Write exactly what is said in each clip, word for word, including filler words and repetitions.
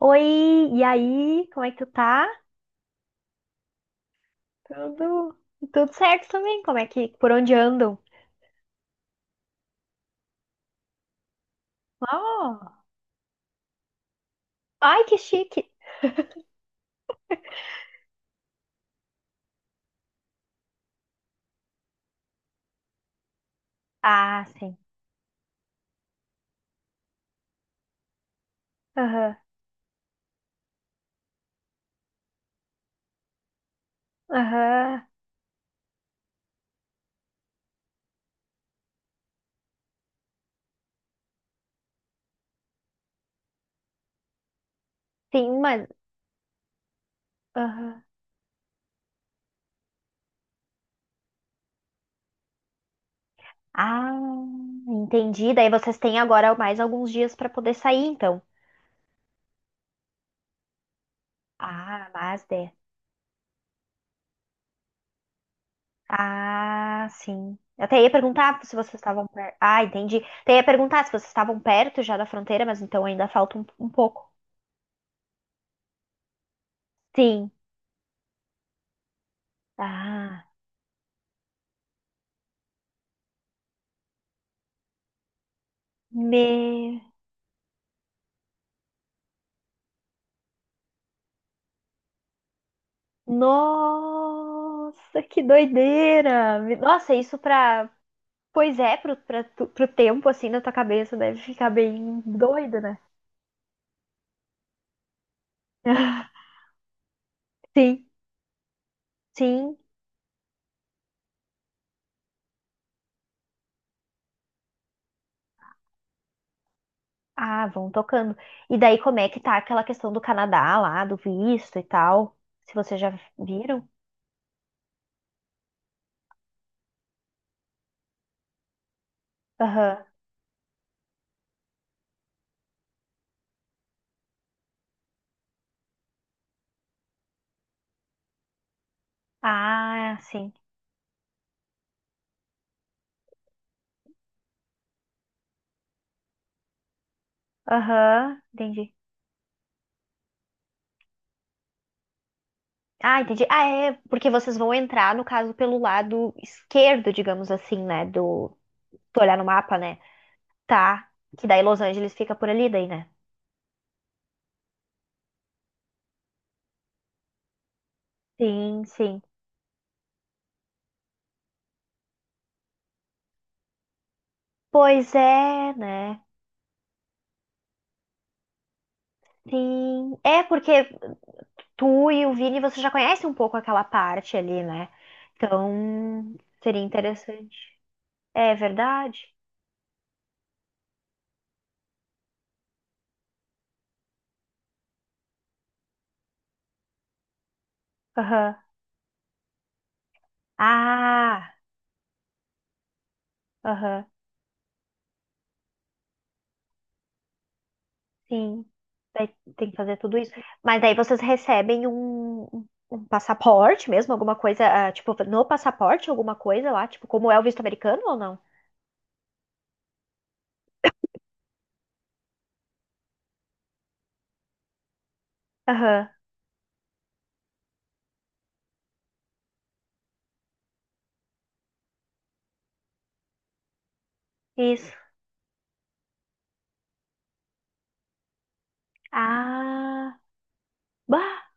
Oi, e aí? Como é que tu tá? Tudo, tudo certo também? Como é que, por onde andam? Oh, ai, que chique! Ah, sim. Aham, aham. Sim, mas. Aham. Ah, entendi. Daí vocês têm agora mais alguns dias pra poder sair, então. Ah, mas é. Ah, sim. Eu até ia perguntar se vocês estavam perto. Ah, entendi. Até ia perguntar se vocês estavam perto já da fronteira, mas então ainda falta um, um pouco. Sim. Ah, meu. Nossa, que doideira! Me- Nossa, isso pra. Pois é, pro, pra, tu- pro tempo, assim, da tua cabeça deve ficar bem doido, né? Sim, sim. Ah, vão tocando. E daí, como é que tá aquela questão do Canadá lá, do visto e tal? Se vocês já viram? Aham. Ah, sim. Aham, entendi. Ah, entendi. Ah, é, porque vocês vão entrar, no caso, pelo lado esquerdo, digamos assim, né? Do. Se tu olhar no mapa, né? Tá. Que daí Los Angeles fica por ali, daí, né? Sim, sim. Pois é, né? Sim. É porque tu e o Vini, você já conhece um pouco aquela parte ali, né? Então, seria interessante. É verdade? Aham. Ah, aham. Sim. Daí tem que fazer tudo isso. Mas daí vocês recebem um, um um passaporte mesmo, alguma coisa, ah, tipo, no passaporte, alguma coisa lá, tipo, como é o visto americano ou não? Aham. Isso. Ah. Bah,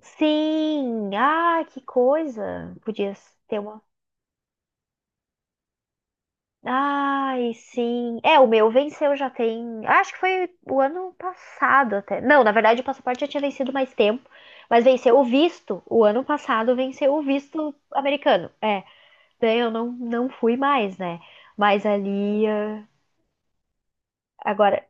sim! Ah, que coisa! Podia ter uma. Ai, sim. É, o meu venceu já tem. Acho que foi o ano passado até. Não, na verdade o passaporte já tinha vencido mais tempo, mas venceu o visto. O ano passado venceu o visto americano. É, daí eu não, não fui mais, né? Mas ali. ah, Agora.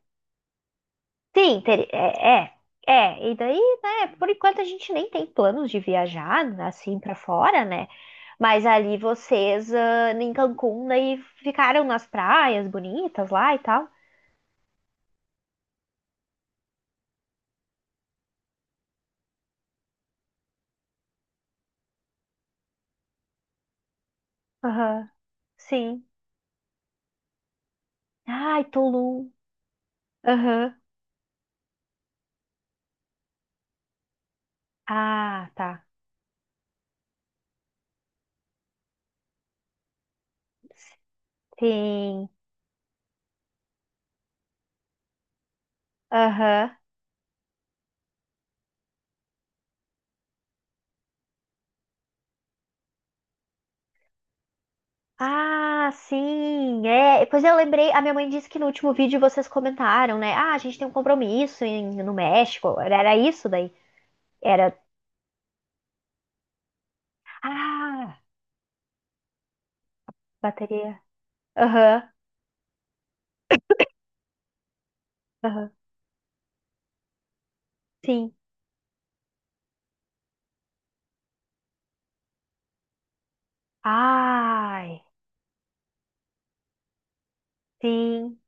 Sim, ter... é, é. É, e daí, né, por enquanto a gente nem tem planos de viajar assim pra fora, né? Mas ali vocês, ah, em Cancún, daí ficaram nas praias bonitas lá e tal. Aham, sim. Ai, Tulum. Aham, Ah, tá. Sim. Aham. Ah, sim. É, pois eu lembrei, a minha mãe disse que no último vídeo vocês comentaram, né? Ah, a gente tem um compromisso em- no México. Era, era isso daí? Era. Ah, bateria. Aham, aham. Sim. Ai, sim.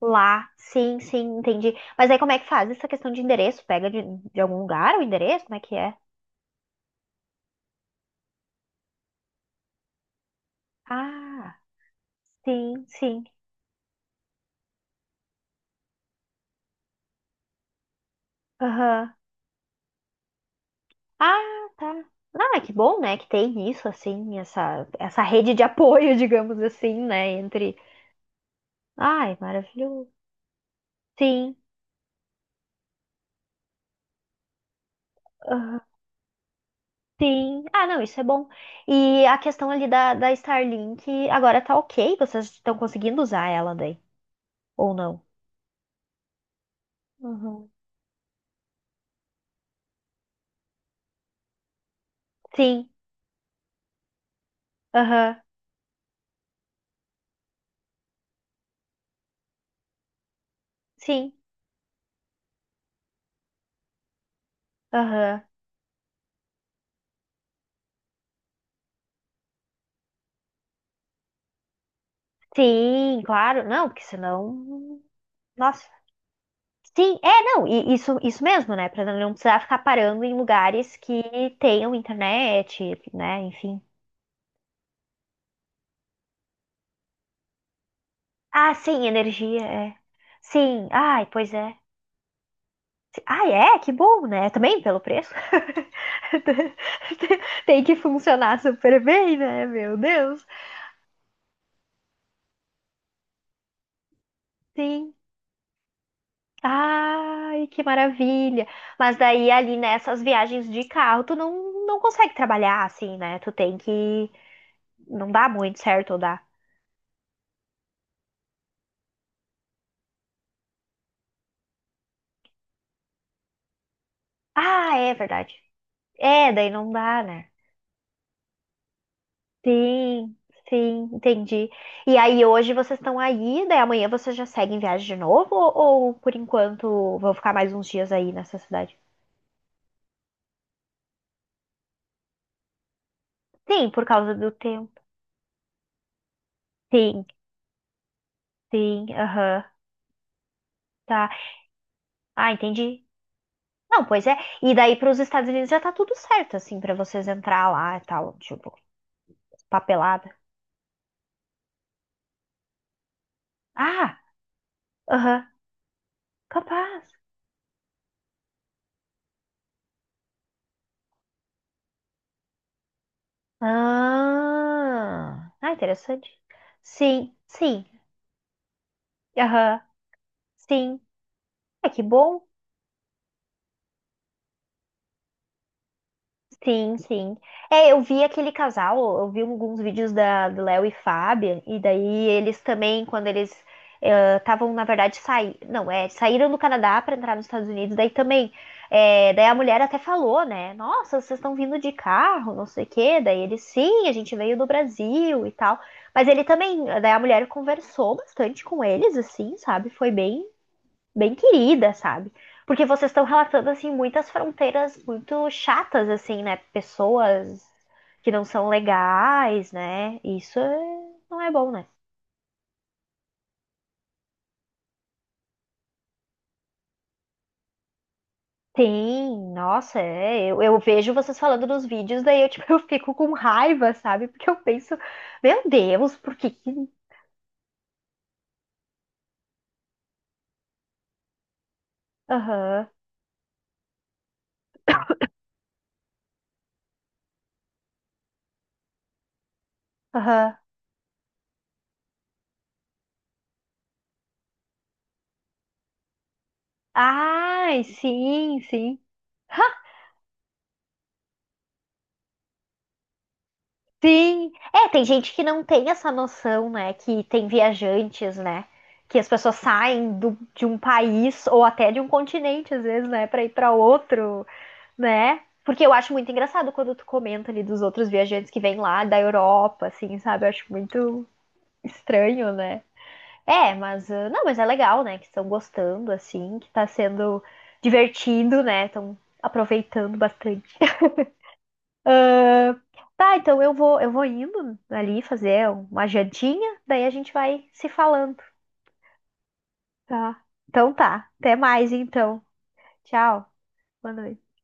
Lá, sim, sim, entendi. Mas aí como é que faz essa questão de endereço? Pega de, de algum lugar o endereço? Como é que é? Ah, sim, sim. Aham. Ah, tá. Não, é que bom, né, que tem isso, assim, essa, essa rede de apoio, digamos assim, né, entre... Ai, maravilhoso. Sim, aham, sim. Ah, não, isso é bom. E a questão ali da, da Starlink, agora tá ok? Vocês estão conseguindo usar ela daí? Ou não? Uhum. Sim, aham, sim, aham. Sim, claro, não, porque senão. Nossa. Sim, é, não, e isso, isso mesmo, né? Pra não precisar ficar parando em lugares que tenham internet, né? Enfim. Ah, sim, energia, é. Sim, ai, pois é. Ai, é, que bom, né? Também pelo preço. Tem que funcionar super bem, né? Meu Deus. Sim. Ai, que maravilha! Mas daí ali nessas viagens de carro, tu não, não consegue trabalhar assim, né? Tu tem que. Não dá muito certo, ou dá? Ah, é verdade. É, daí não dá, né? Sim, sim, entendi. E aí hoje vocês estão aí, daí amanhã vocês já seguem viagem de novo? Ou, ou por enquanto vão ficar mais uns dias aí nessa cidade? Sim, por causa do tempo. Sim, sim, aham, tá. Ah, entendi. Não, pois é. E daí para os Estados Unidos já tá tudo certo, assim, para vocês entrar lá e tal, tipo, papelada. Ah, aham, capaz. Ah, ah, interessante. Sim, sim, aham, sim. É que bom. Sim, sim. É, eu, vi aquele casal, eu vi alguns vídeos da, do Léo e Fábio, e daí eles também, quando eles eh, estavam, na verdade, saí, não, é, saíram do Canadá para entrar nos Estados Unidos, daí também, é, daí a mulher até falou, né? Nossa, vocês estão vindo de carro, não sei o quê. Daí ele, sim, a gente veio do Brasil e tal. Mas ele também, daí a mulher conversou bastante com eles, assim, sabe? Foi bem bem querida, sabe? Porque vocês estão relatando, assim, muitas fronteiras muito chatas, assim, né? Pessoas que não são legais, né? Isso é- não é bom, né? Tem, nossa, é, eu, eu vejo vocês falando nos vídeos, daí eu, tipo, eu fico com raiva, sabe? Porque eu penso, meu Deus, por que que... Aham, aham. Ai, sim, sim. Sim, é, tem gente que não tem essa noção, né? Que tem viajantes, né? Que as pessoas saem do- de um país ou até de um continente, às vezes, né? Pra ir pra outro, né? Porque eu acho muito engraçado quando tu comenta ali dos outros viajantes que vêm lá da Europa, assim, sabe? Eu acho muito estranho, né? É, mas ah, não, mas é legal, né? Que estão gostando, assim, que tá sendo divertido, né? Estão aproveitando bastante. Ah, tá, então eu vou, eu vou indo ali fazer uma jantinha, daí a gente vai se falando, tá? Então tá, até mais então. Tchau, boa noite.